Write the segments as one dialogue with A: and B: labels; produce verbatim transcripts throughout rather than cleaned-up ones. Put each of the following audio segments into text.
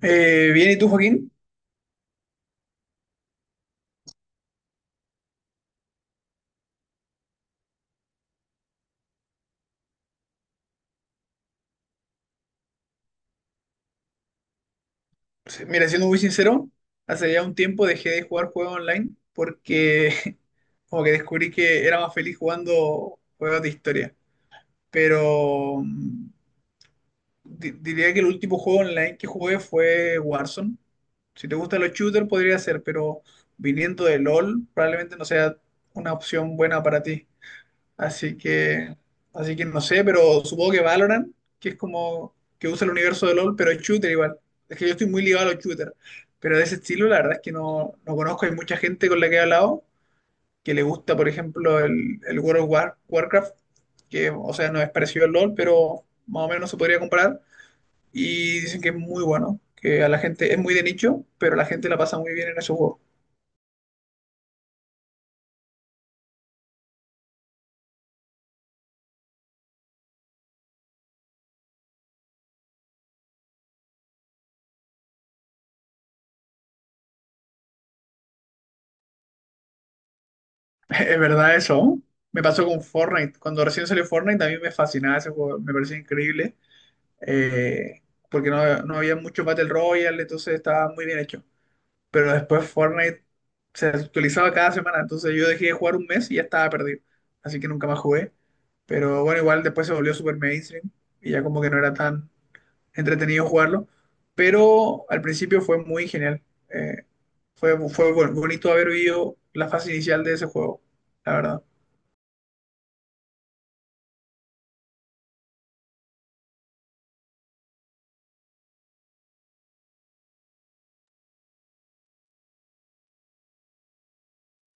A: Eh, bien, ¿y tú, Joaquín? Se- Mira, siendo muy sincero, hace ya un tiempo dejé de jugar juegos online porque como que descubrí que era más feliz jugando juegos de historia. Pero mm, di- diría que el último juego online que jugué fue Warzone. Si te gustan los shooters podría ser, pero viniendo de LOL probablemente no sea una opción buena para ti. Así que, así que no sé, pero supongo que Valorant, que es como que usa el universo de LOL, pero es shooter igual. Es que yo estoy muy ligado a los shooters, pero de ese estilo la verdad es que no, no conozco. Hay mucha gente con la que he hablado que le gusta, por ejemplo, el, el World of War- Warcraft, que, o sea, no es parecido al LOL, pero más o menos se podría comparar. Y dicen que es muy bueno, que a la gente es muy de nicho, pero la gente la pasa muy bien en esos juegos. Es verdad eso. Me pasó con Fortnite. Cuando recién salió Fortnite, a mí me fascinaba ese juego, me parecía increíble. eh, Porque no, no había mucho Battle Royale, entonces estaba muy bien hecho. Pero después Fortnite se actualizaba cada semana, entonces yo dejé de jugar un mes y ya estaba perdido. Así que nunca más jugué. Pero bueno, igual después se volvió super mainstream y ya como que no era tan entretenido jugarlo. Pero al principio fue muy genial. Eh, fue fue bu- bonito haber vivido la fase inicial de ese juego, la verdad.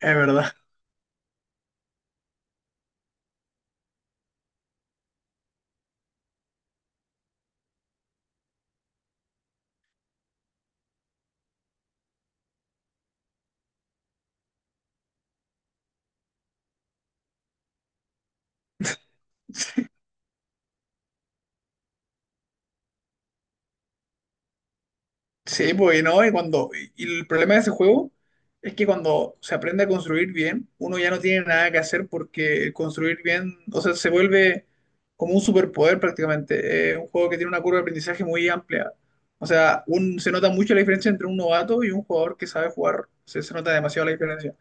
A: Es verdad. Sí, pues y no, y cuando. Y el problema de ese juego es que cuando se aprende a construir bien, uno ya no tiene nada que hacer porque el construir bien, o sea, se vuelve como un superpoder prácticamente. Es un juego que tiene una curva de aprendizaje muy amplia. O sea, un, se nota mucho la diferencia entre un novato y un jugador que sabe jugar. Se, se nota demasiado la diferencia.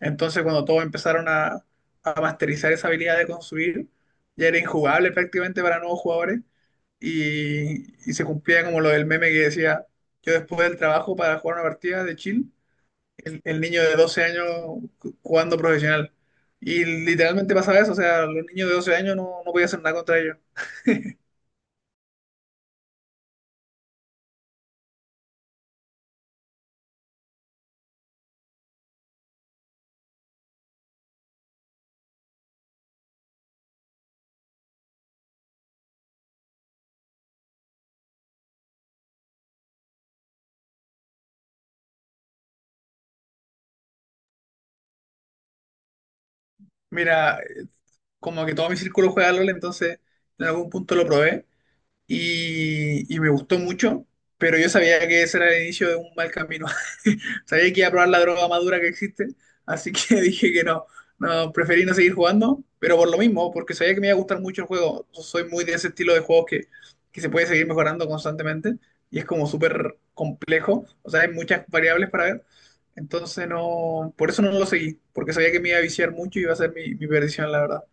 A: Entonces, cuando todos empezaron a, a masterizar esa habilidad de construir, ya era injugable prácticamente para nuevos jugadores y, y se cumplía como lo del meme que decía, yo después del trabajo para jugar una partida de chill, el, el niño de doce años cu- jugando profesional. Y literalmente pasaba eso, o sea, los niños de doce años no, no podía hacer nada contra ellos. Mira, eh, como que todo mi círculo juega LOL, entonces en algún punto lo probé y, y me gustó mucho, pero yo sabía que ese era el inicio de un mal camino. Sabía que iba a probar la droga más dura que existe, así que dije que no, no, preferí no seguir jugando, pero por lo mismo, porque sabía que me iba a gustar mucho el juego. Soy muy de ese estilo de juegos que, que se puede seguir mejorando constantemente y es como súper complejo, o sea, hay muchas variables para ver. Entonces no, por eso no lo seguí, porque sabía que me iba a viciar mucho y iba a ser mi, mi perdición, la verdad.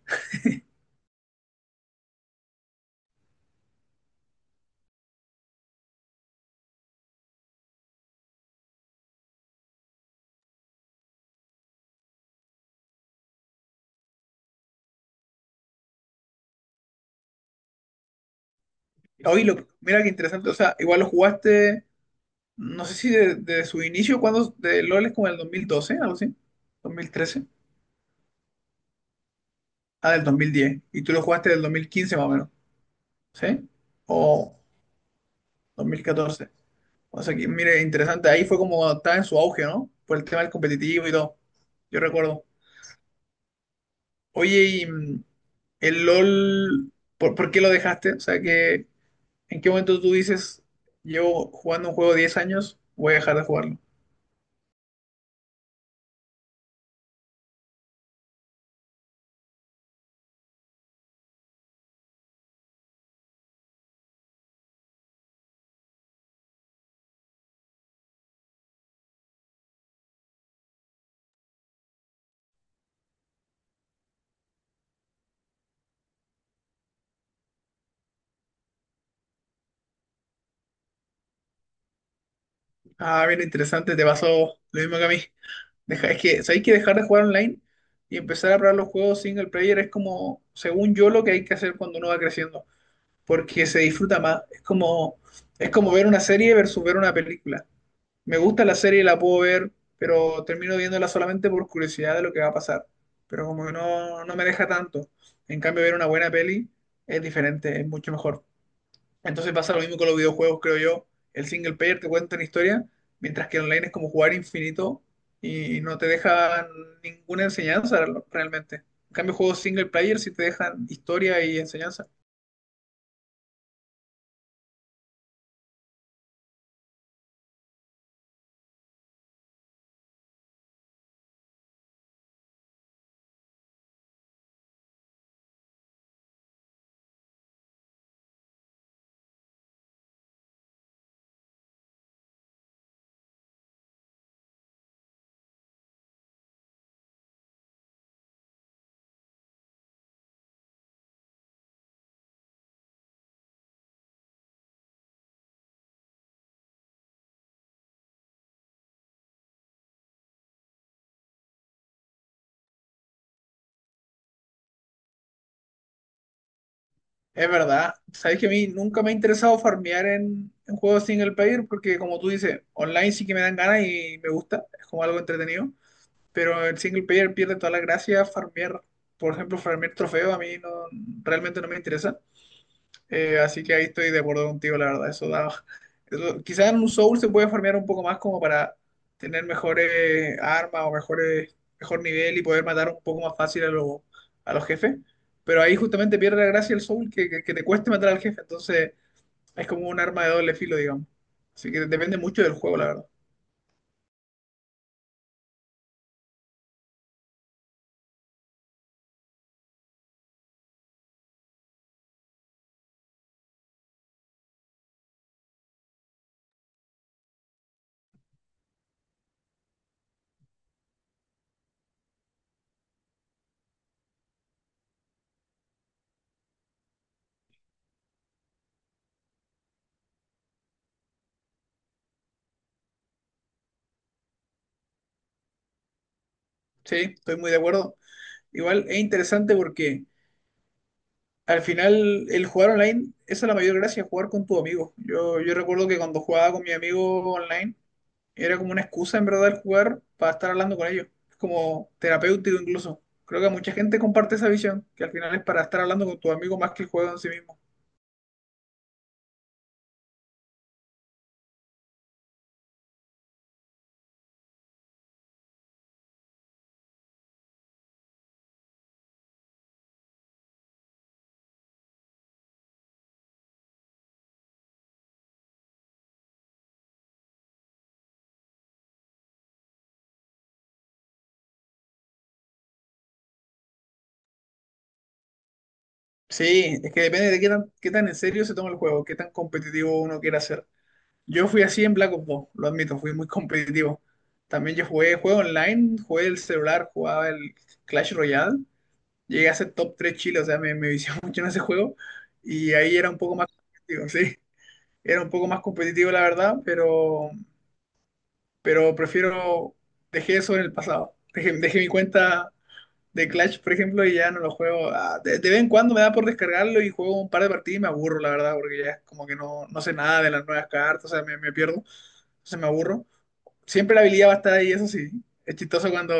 A: Hoy lo, Mira qué interesante, o sea, igual lo jugaste. No sé si de, de su inicio, cuando de LOL es como el dos mil doce, algo así, dos mil trece. Ah, del dos mil diez, y tú lo jugaste del dos mil quince más o menos, ¿sí? O dos mil catorce. O sea que, mire, interesante, ahí fue como cuando estaba en su auge, ¿no? Por el tema del competitivo y todo, yo recuerdo. Oye, y mm, el LOL, ¿por, por qué lo dejaste? O sea que, ¿en qué momento tú dices, llevo jugando un juego diez años, voy a dejar de jugarlo? Ah, bien interesante, te pasó lo mismo que a mí. Deja- es que, ¿sabéis que dejar de jugar online y empezar a probar los juegos single player es como, según yo, lo que hay que hacer cuando uno va creciendo? Porque se disfruta más. Es como, es como ver una serie versus ver una película. Me gusta la serie, la puedo ver, pero termino viéndola solamente por curiosidad de lo que va a pasar. Pero como que no, no me deja tanto. En cambio, ver una buena peli es diferente, es mucho mejor. Entonces pasa lo mismo con los videojuegos, creo yo. El single player te cuenta una historia, mientras que online es como jugar infinito y no te deja ninguna enseñanza realmente. En cambio, juegos single player sí te dejan historia y enseñanza. Es verdad. Sabes que a mí nunca me ha interesado farmear en, en juegos single player porque, como tú dices, online sí que me dan ganas y me gusta, es como algo entretenido. Pero el single player pierde toda la gracia farmear. Por ejemplo, farmear trofeos a mí no, realmente no me interesa. Eh, así que ahí estoy de acuerdo contigo, la verdad. Eso da. Eso- quizás en un Soul se puede farmear un poco más como para tener mejores armas o mejores, mejor nivel y poder matar un poco más fácil a, los a los jefes. Pero ahí justamente pierde la gracia el Soul que, que, que te cueste matar al jefe. Entonces es como un arma de doble filo, digamos. Así que depende mucho del juego, la verdad. Sí, estoy muy de acuerdo. Igual es interesante porque al final el jugar online, esa es la mayor gracia, jugar con tu amigo. Yo, yo recuerdo que cuando jugaba con mi amigo online, era como una excusa en verdad el jugar para estar hablando con ellos. Es como terapéutico incluso. Creo que mucha gente comparte esa visión, que al final es para estar hablando con tus amigos más que el juego en sí mismo. Sí, es que depende de qué tan, qué tan en serio se toma el juego, qué tan competitivo uno quiera ser. Yo fui así en Black Ops dos, lo admito, fui muy competitivo. También yo jugué juego online, jugué el celular, jugaba el Clash Royale. Llegué a ser top tres Chile, o sea, me, me vicié mucho en ese juego. Y ahí era un poco más competitivo, sí. Era un poco más competitivo, la verdad, pero pero prefiero, dejé eso en el pasado. Dejé, dejé mi cuenta de Clash, por ejemplo, y ya no lo juego. Ah, De, de vez en cuando me da por descargarlo y juego un par de partidas y me aburro, la verdad, porque ya es como que no, no sé nada de las nuevas cartas, o sea, me, me pierdo, entonces me aburro. Siempre la habilidad va a estar ahí, eso sí. Es chistoso cuando,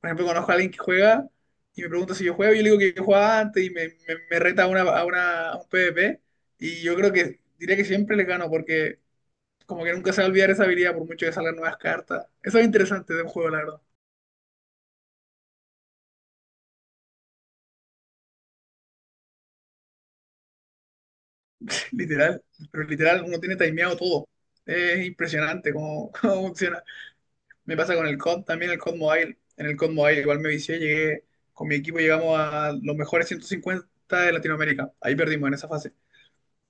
A: por ejemplo, conozco a alguien que juega y me pregunta si yo juego, yo le digo que yo jugaba antes y me, me- me reta a, una, a, una- a un PvP y yo creo que diría que siempre le gano porque como que nunca se va a olvidar esa habilidad por mucho que salgan nuevas cartas. Eso es interesante de un juego, la verdad. Literal. Pero literal, uno tiene timeado todo. Es impresionante cómo cómo funciona. Me pasa con el C O D, también el C O D Mobile. En el C O D Mobile igual me vicié, llegué, con mi equipo llegamos a los mejores ciento cincuenta de Latinoamérica. Ahí perdimos en esa fase.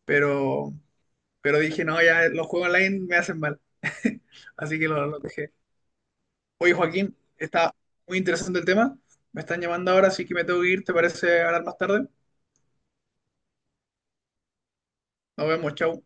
A: Pero, pero dije, no, ya los juegos online me hacen mal. Así que lo, lo dejé. Oye, Joaquín, está muy interesante el tema. Me están llamando ahora, así que me tengo que ir. ¿Te parece hablar más tarde? Nos vemos, chau.